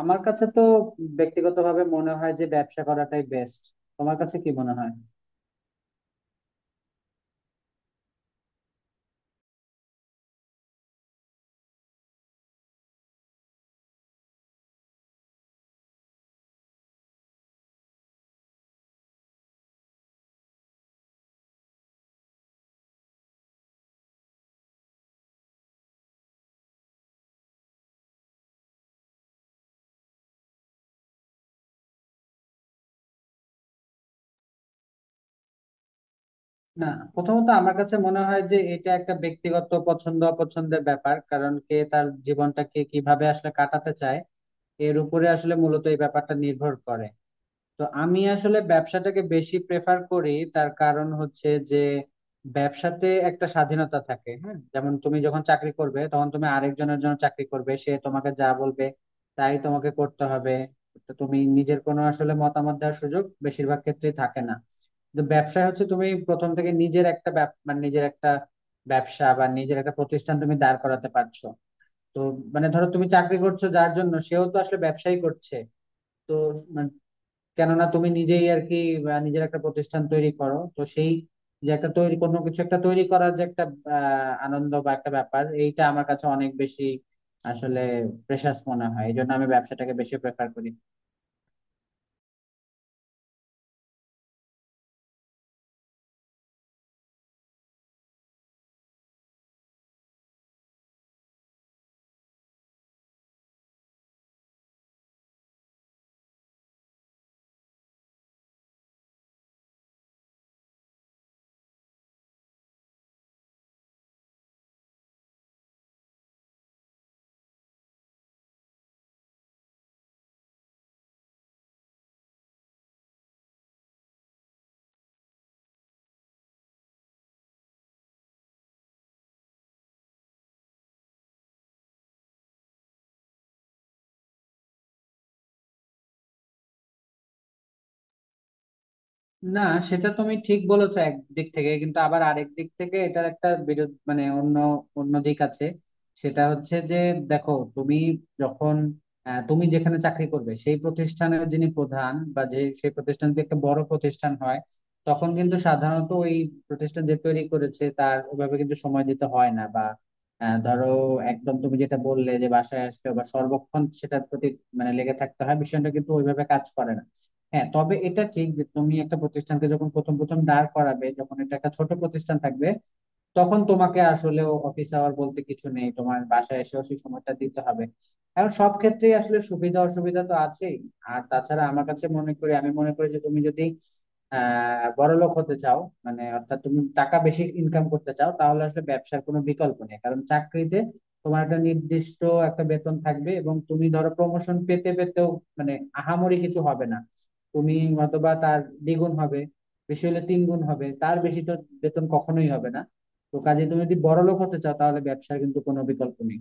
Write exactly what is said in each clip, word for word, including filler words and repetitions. আমার কাছে তো ব্যক্তিগতভাবে মনে হয় যে ব্যবসা করাটাই বেস্ট। তোমার কাছে কি মনে হয়? না, প্রথমত আমার কাছে মনে হয় যে এটা একটা ব্যক্তিগত পছন্দ অপছন্দের ব্যাপার। কারণ কে তার জীবনটাকে কিভাবে আসলে কাটাতে চায় এর উপরে আসলে মূলত এই ব্যাপারটা নির্ভর করে। তো আমি আসলে ব্যবসাটাকে বেশি প্রেফার করি। তার কারণ হচ্ছে যে ব্যবসাতে একটা স্বাধীনতা থাকে। হ্যাঁ, যেমন তুমি যখন চাকরি করবে তখন তুমি আরেকজনের জন্য চাকরি করবে, সে তোমাকে যা বলবে তাই তোমাকে করতে হবে। তো তুমি নিজের কোনো আসলে মতামত দেওয়ার সুযোগ বেশিরভাগ ক্ষেত্রেই থাকে না। কিন্তু ব্যবসায় হচ্ছে তুমি প্রথম থেকে নিজের একটা ব্যব- মানে নিজের একটা ব্যবসা বা নিজের একটা প্রতিষ্ঠান তুমি দাঁড় করাতে পারছো। তো মানে ধরো তুমি চাকরি করছো যার জন্য, সেও তো আসলে ব্যবসাই করছে। তো কেননা তুমি নিজেই আর কি আহ, নিজের একটা প্রতিষ্ঠান তৈরি করো, তো সেই যে একটা তৈরি কোনো কিছু একটা তৈরি করার যে একটা আহ, আনন্দ বা একটা ব্যাপার, এইটা আমার কাছে অনেক বেশি আসলে প্রেশাস মনে হয়। এই জন্য আমি ব্যবসাটাকে বেশি প্রেফার করি। না, সেটা তুমি ঠিক বলেছো একদিক থেকে, কিন্তু আবার আরেক দিক থেকে এটার একটা বিরোধ মানে অন্য অন্য দিক আছে। সেটা হচ্ছে যে দেখো তুমি যখন আহ, তুমি যেখানে চাকরি করবে সেই প্রতিষ্ঠানের যিনি প্রধান বা যে সেই প্রতিষ্ঠান যদি একটা বড় প্রতিষ্ঠান হয়, তখন কিন্তু সাধারণত ওই প্রতিষ্ঠান যে তৈরি করেছে তার ওভাবে কিন্তু সময় দিতে হয় না বা আহ, ধরো একদম তুমি যেটা বললে যে বাসায় আসলে বা সর্বক্ষণ সেটার প্রতি মানে লেগে থাকতে হয়, বিষয়টা কিন্তু ওইভাবে কাজ করে না। হ্যাঁ, তবে এটা ঠিক যে তুমি একটা প্রতিষ্ঠানকে যখন প্রথম প্রথম দাঁড় করাবে, যখন এটা একটা ছোট প্রতিষ্ঠান থাকবে, তখন তোমাকে আসলেও অফিস আওয়ার বলতে কিছু নেই, তোমার বাসায় এসেও সেই সময়টা দিতে হবে। এখন সব ক্ষেত্রেই আসলে সুবিধা অসুবিধা তো আছেই। আর তাছাড়া আমার কাছে মনে করি, আমি মনে করি যে তুমি যদি আহ বড়লোক হতে চাও, মানে অর্থাৎ তুমি টাকা বেশি ইনকাম করতে চাও, তাহলে আসলে ব্যবসার কোনো বিকল্প নেই। কারণ চাকরিতে তোমার একটা নির্দিষ্ট একটা বেতন থাকবে, এবং তুমি ধরো প্রমোশন পেতে পেতেও মানে আহামরি কিছু হবে না। তুমি হয়তোবা তার দ্বিগুণ হবে, বেশি হলে তিন গুণ হবে, তার বেশি তো বেতন কখনোই হবে না। তো কাজে তুমি যদি বড়লোক হতে চাও তাহলে ব্যবসার কিন্তু কোনো বিকল্প নেই।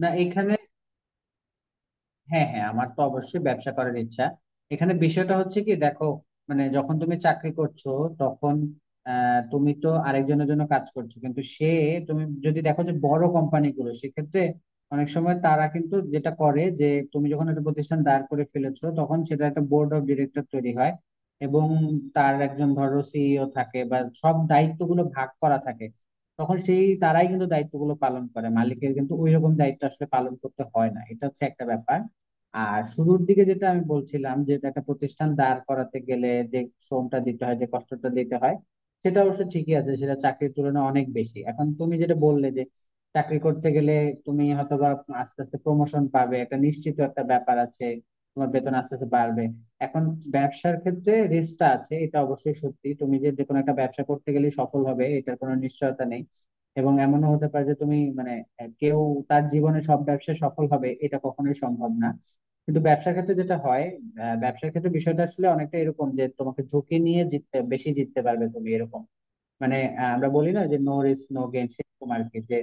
না এখানে, হ্যাঁ হ্যাঁ, আমার তো অবশ্যই ব্যবসা করার ইচ্ছা। এখানে বিষয়টা হচ্ছে কি, দেখো, মানে যখন তুমি চাকরি করছো তখন আহ, তুমি তো আরেকজনের জন্য কাজ করছো, কিন্তু সে তুমি যদি দেখো যে বড় কোম্পানিগুলো সেক্ষেত্রে অনেক সময় তারা কিন্তু যেটা করে যে তুমি যখন একটা প্রতিষ্ঠান দাঁড় করে ফেলেছো তখন সেটা একটা বোর্ড অফ ডিরেক্টর তৈরি হয়। এবং তার একজন ধরো সিইও থাকে বা সব দায়িত্বগুলো ভাগ করা থাকে, তখন সেই তারাই কিন্তু দায়িত্বগুলো পালন করে, মালিকের কিন্তু ওইরকম দায়িত্ব আসলে পালন করতে হয় না। এটা হচ্ছে একটা ব্যাপার। আর শুরুর দিকে যেটা আমি বলছিলাম যে একটা প্রতিষ্ঠান দাঁড় করাতে গেলে যে শ্রমটা দিতে হয়, যে কষ্টটা দিতে হয়, সেটা অবশ্য ঠিকই আছে, সেটা চাকরির তুলনায় অনেক বেশি। এখন তুমি যেটা বললে যে চাকরি করতে গেলে তুমি হয়তো বা আস্তে আস্তে প্রমোশন পাবে, একটা নিশ্চিত একটা ব্যাপার আছে, তোমার বেতন আস্তে আস্তে বাড়বে। এখন ব্যবসার ক্ষেত্রে রিস্কটা আছে, এটা অবশ্যই সত্যি। তুমি যে যে কোনো একটা ব্যবসা করতে গেলে সফল হবে এটার কোনো নিশ্চয়তা নেই। এবং এমনও হতে পারে যে তুমি মানে আহ, কেউ তার জীবনে সব ব্যবসায় সফল হবে এটা কখনোই সম্ভব না। কিন্তু ব্যবসার ক্ষেত্রে যেটা হয়, আহ, ব্যবসার ক্ষেত্রে বিষয়টা আসলে অনেকটা এরকম যে তোমাকে ঝুঁকি নিয়ে জিততে, বেশি জিততে পারবে তুমি। এরকম মানে আহ, আমরা বলি না যে নো রিস্ক নো গেইন, সেরকম আর কি। যে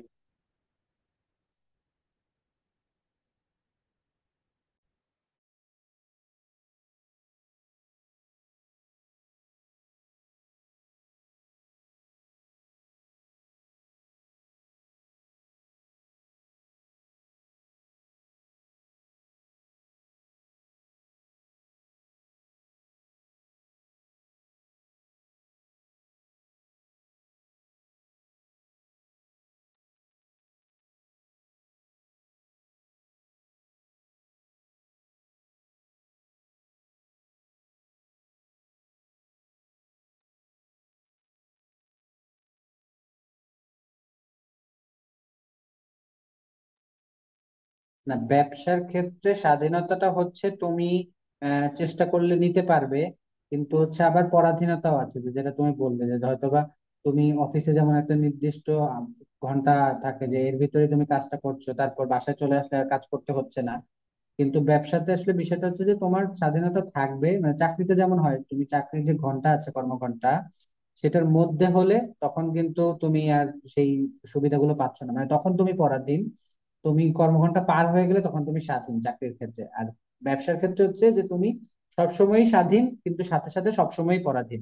না, ব্যবসার ক্ষেত্রে স্বাধীনতাটা হচ্ছে তুমি আহ, চেষ্টা করলে নিতে পারবে, কিন্তু হচ্ছে আবার পরাধীনতাও আছে। যে যেটা তুমি বললে যে হয়তোবা তুমি অফিসে যেমন একটা নির্দিষ্ট আহ, ঘন্টা থাকে যে এর ভিতরে তুমি কাজটা করছো, তারপর বাসায় চলে আসলে আর কাজ করতে হচ্ছে না। কিন্তু ব্যবসাতে আসলে বিষয়টা হচ্ছে যে তোমার স্বাধীনতা থাকবে, মানে চাকরিতে যেমন হয় তুমি চাকরির যে ঘন্টা আছে, কর্মঘন্টা, সেটার মধ্যে হলে তখন কিন্তু তুমি আর সেই সুবিধাগুলো পাচ্ছ না, মানে তখন তুমি পরাধীন। তুমি কর্মঘন্টা পার হয়ে গেলে তখন তুমি স্বাধীন চাকরির ক্ষেত্রে। আর ব্যবসার ক্ষেত্রে হচ্ছে যে তুমি সবসময়ই স্বাধীন, কিন্তু সাথে সাথে সবসময়ই পরাধীন।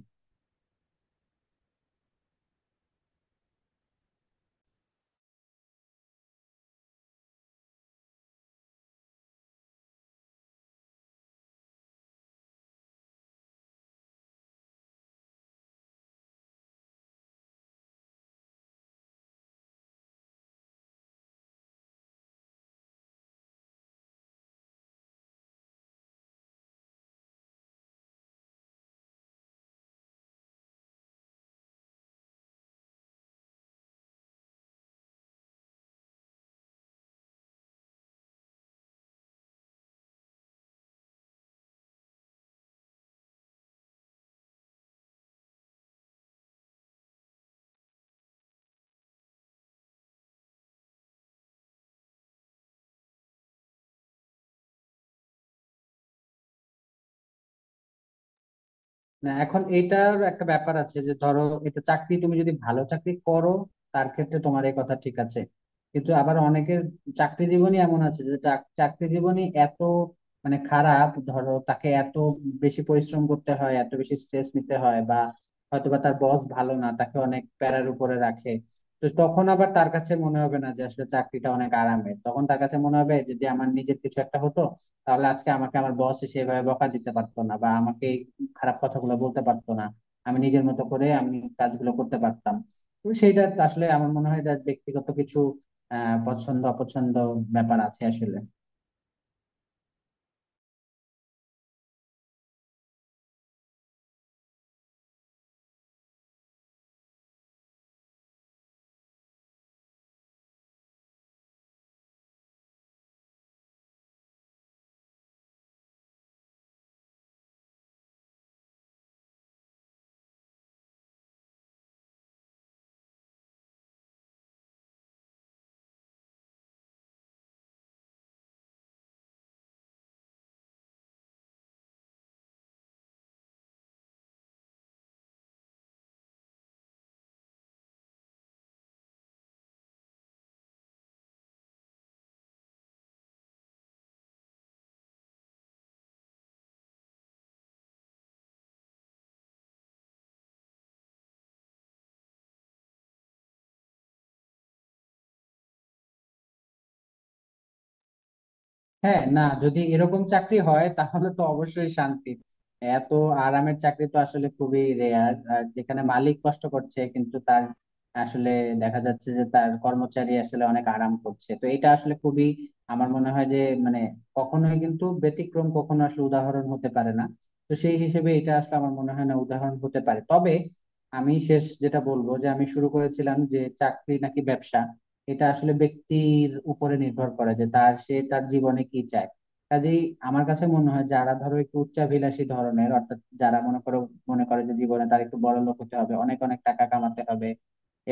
না এখন এইটার একটা ব্যাপার আছে যে ধরো এটা চাকরি, তুমি যদি ভালো চাকরি করো তার ক্ষেত্রে তোমার এই কথা ঠিক আছে। কিন্তু আবার অনেকের চাকরি জীবনই এমন আছে যে চাক- চাকরি জীবনই এত মানে খারাপ, ধরো তাকে এত বেশি পরিশ্রম করতে হয়, এত বেশি স্ট্রেস নিতে হয়, বা হয়তোবা তার বস ভালো না, তাকে অনেক প্যারার উপরে রাখে। তো তখন আবার তার কাছে মনে হবে না যে আসলে চাকরিটা অনেক আরামের, তখন তার কাছে মনে হবে যদি আমার নিজের কিছু একটা হতো তাহলে আজকে আমাকে আমার বস সেভাবে বকা দিতে পারতো না, বা আমাকে খারাপ কথাগুলো বলতে পারতো না, আমি নিজের মতো করে আমি কাজগুলো করতে পারতাম। তো সেইটা আসলে আমার মনে হয় যে ব্যক্তিগত কিছু আহ পছন্দ অপছন্দ ব্যাপার আছে আসলে। হ্যাঁ না, যদি এরকম চাকরি হয় তাহলে তো অবশ্যই শান্তি। এত আরামের চাকরি তো আসলে খুবই রেয়ার, আর যেখানে মালিক কষ্ট করছে কিন্তু তার আসলে দেখা যাচ্ছে যে তার কর্মচারী আসলে অনেক আরাম করছে, তো এটা আসলে খুবই, আমার মনে হয় যে মানে কখনোই কিন্তু ব্যতিক্রম কখনো আসলে উদাহরণ হতে পারে না। তো সেই হিসেবে এটা আসলে আমার মনে হয় না উদাহরণ হতে পারে। তবে আমি শেষ যেটা বলবো যে আমি শুরু করেছিলাম যে চাকরি নাকি ব্যবসা, এটা আসলে ব্যক্তির উপরে নির্ভর করে যে তার সে তার জীবনে কি চায়। কাজেই আমার কাছে মনে হয় যারা ধরো একটু উচ্চাভিলাষী ধরনের, অর্থাৎ যারা মনে করো মনে করে যে জীবনে তার একটু বড় লোক হতে হবে, অনেক অনেক টাকা কামাতে হবে,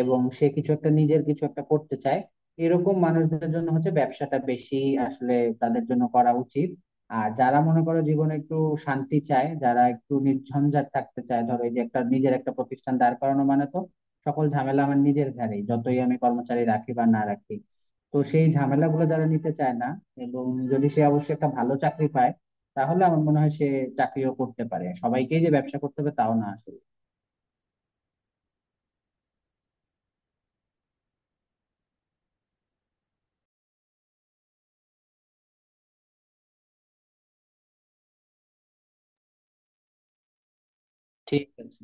এবং সে কিছু একটা নিজের কিছু একটা করতে চায়, এরকম মানুষদের জন্য হচ্ছে ব্যবসাটা বেশি আসলে তাদের জন্য করা উচিত। আর যারা মনে করো জীবনে একটু শান্তি চায়, যারা একটু নির্ঝঞ্ঝাট থাকতে চায়, ধরো এই যে একটা নিজের একটা প্রতিষ্ঠান দাঁড় করানো মানে তো সকল ঝামেলা আমার নিজের ঘাড়ে, যতই আমি কর্মচারী রাখি বা না রাখি, তো সেই ঝামেলাগুলো যারা নিতে চায় না, এবং যদি সে অবশ্যই একটা ভালো চাকরি পায়, তাহলে আমার মনে হয় সে চাকরিও করতে পারে। সবাইকেই যে ব্যবসা করতে হবে তাও না আসলে। ঠিক আছে।